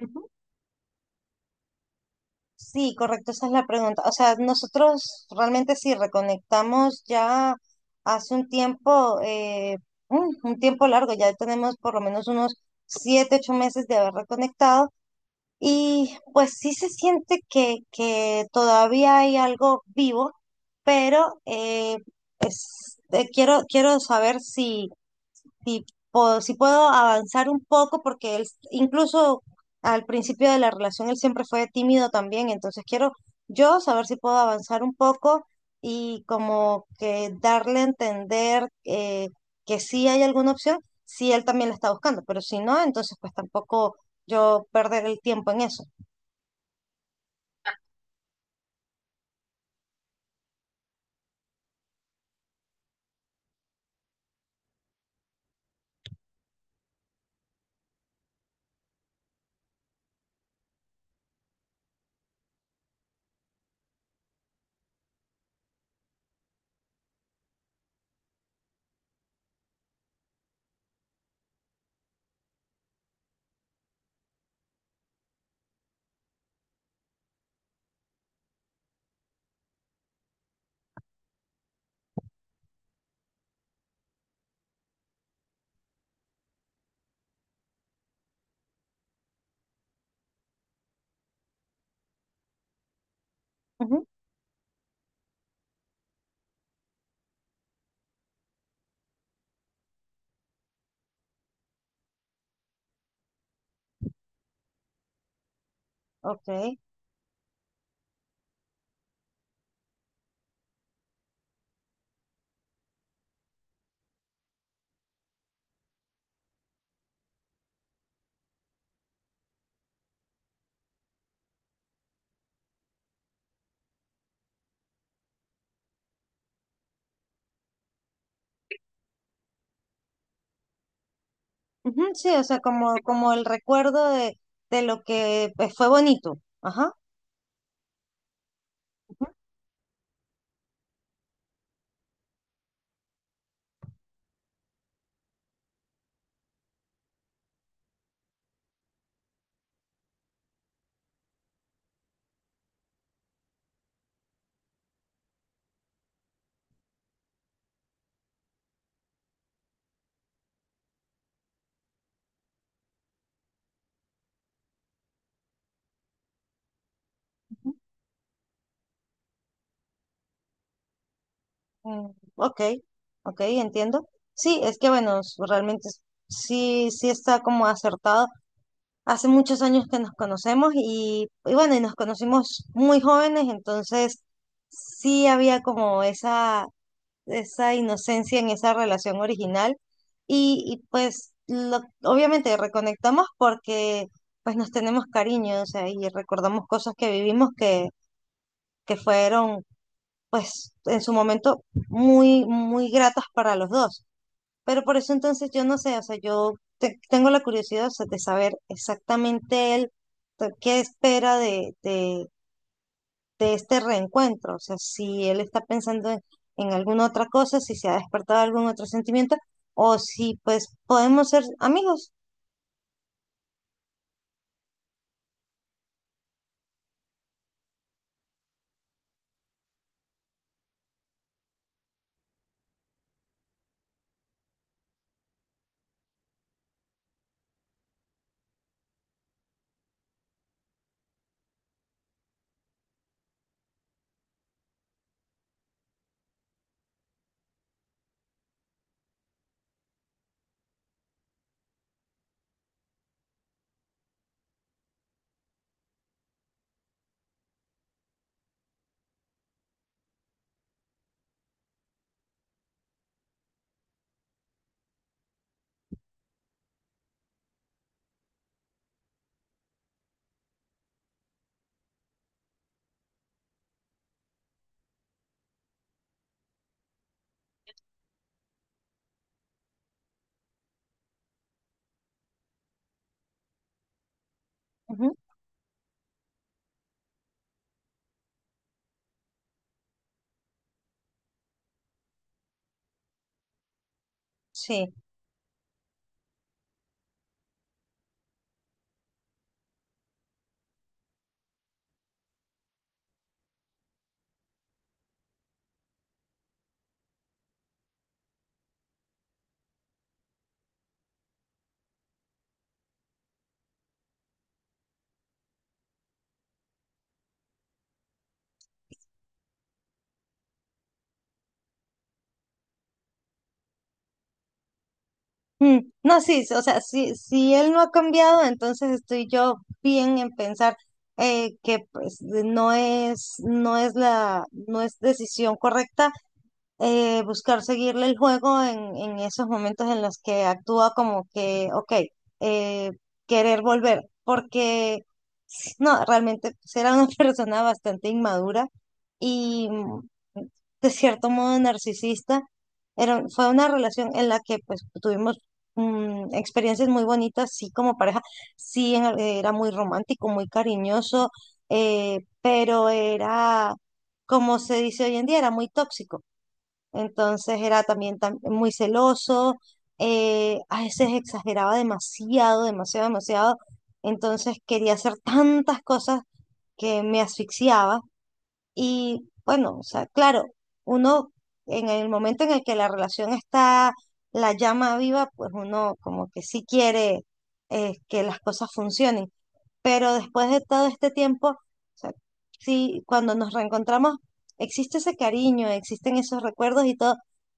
Ujú. Sí, correcto, esa es la pregunta. O sea, nosotros realmente sí reconectamos ya hace un tiempo, un tiempo largo, ya tenemos por lo menos unos siete, ocho meses de haber reconectado y pues sí se siente que todavía hay algo vivo, pero quiero saber si si tipo, si puedo avanzar un poco, porque incluso al principio de la relación él siempre fue tímido también, entonces quiero yo saber si puedo avanzar un poco y como que darle a entender que sí hay alguna opción, si él también la está buscando, pero si no, entonces pues tampoco yo perder el tiempo en eso. Ujú, ok. Ujú, sí, o sea, como el recuerdo de lo que pues, fue bonito. Ajá. Ujú. Mm, ok, ok, entiendo. Sí, es que bueno, sí, sí está como acertado. Hace muchos años que nos conocemos y bueno, y nos conocimos muy jóvenes, entonces sí había como esa inocencia en esa relación original. Y pues obviamente reconectamos porque pues nos tenemos cariño, o sea, y recordamos cosas que vivimos que fueron pues en su momento muy, muy gratas para los dos. Pero por eso entonces yo no sé, o sea, tengo la curiosidad, o sea, de saber exactamente él, o sea, qué espera de este reencuentro, o sea, si él está pensando en alguna otra cosa, si se ha despertado algún otro sentimiento, o si pues podemos ser amigos. Ujú. Sí. Mm, no, sí, o sea, si, si él no ha cambiado, entonces estoy yo bien en pensar que pues no es, no es la, no es decisión correcta, buscar seguirle el juego en esos momentos en los que actúa como que, ok, eh, querer volver, porque no, realmente pues, era una persona bastante inmadura y de cierto modo narcisista. Era, fue una relación en la que pues tuvimos experiencias muy bonitas, sí, como pareja, sí, era muy romántico, muy cariñoso, pero era, como se dice hoy en día, era muy tóxico. Entonces era también, muy celoso, a veces exageraba demasiado, demasiado, demasiado. Entonces quería hacer tantas cosas que me asfixiaba. Y bueno, o sea, claro, uno en el momento en el que la relación está, la llama viva, pues uno como que sí quiere que las cosas funcionen. Pero después de todo este tiempo, o sea, sí, cuando nos reencontramos, existe ese cariño, existen esos recuerdos y todo,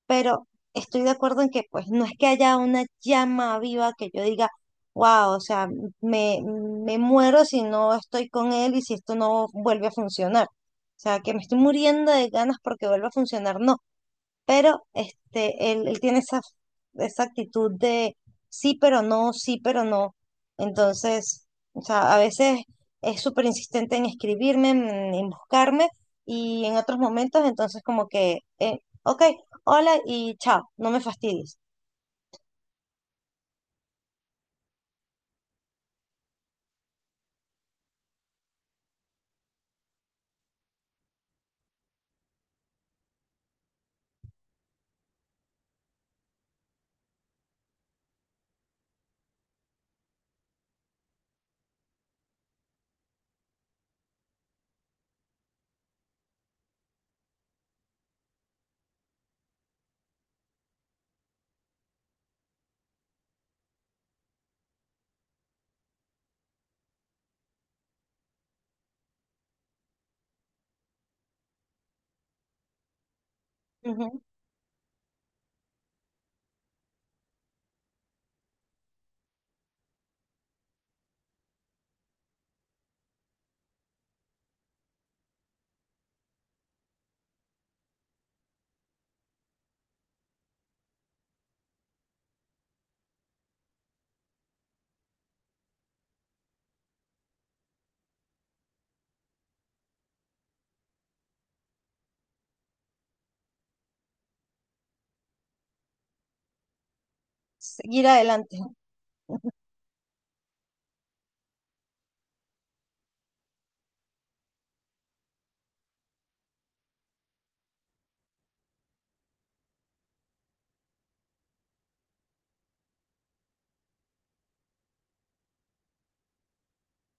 pero estoy de acuerdo en que pues no es que haya una llama viva que yo diga, wow, o sea, me muero si no estoy con él y si esto no vuelve a funcionar. O sea, que me estoy muriendo de ganas porque vuelva a funcionar, no, pero este, él tiene esa, esa actitud de sí, pero no, sí, pero no. Entonces, o sea, a veces es súper insistente en escribirme, en buscarme, y en otros momentos, entonces como que, ok, hola y chao, no me fastidies. Ujú. Seguir adelante. Ujú.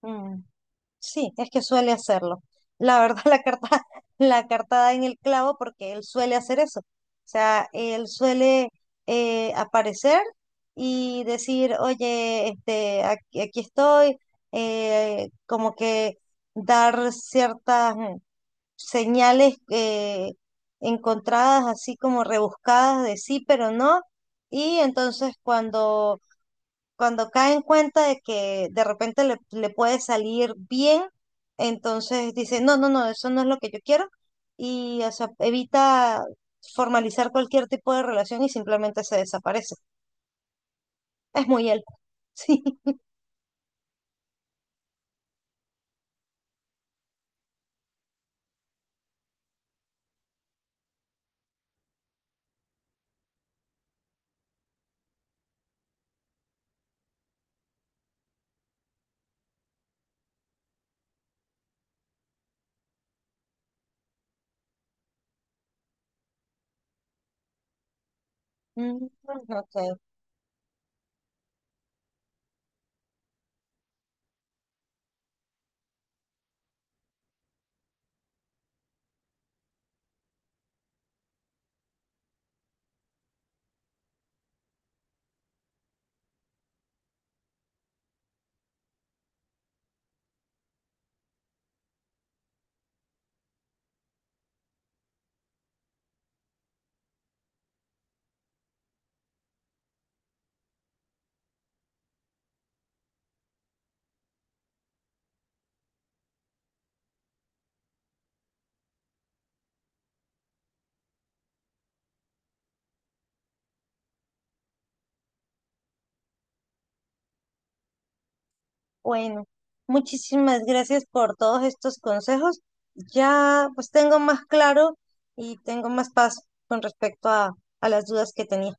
Mm. Sí, es que suele hacerlo. La verdad, la carta da en el clavo porque él suele hacer eso. O sea, él suele aparecer y decir, oye, este, aquí estoy, como que dar ciertas señales encontradas, así como rebuscadas de sí, pero no. Y entonces cuando cae en cuenta de que de repente le puede salir bien, entonces dice, no, no, no, eso no es lo que yo quiero. Y o sea, evita formalizar cualquier tipo de relación y simplemente se desaparece. Es muy él. Sí. Mm. Ok. Bueno, muchísimas gracias por todos estos consejos. Ya pues tengo más claro y tengo más paz con respecto a las dudas que tenía.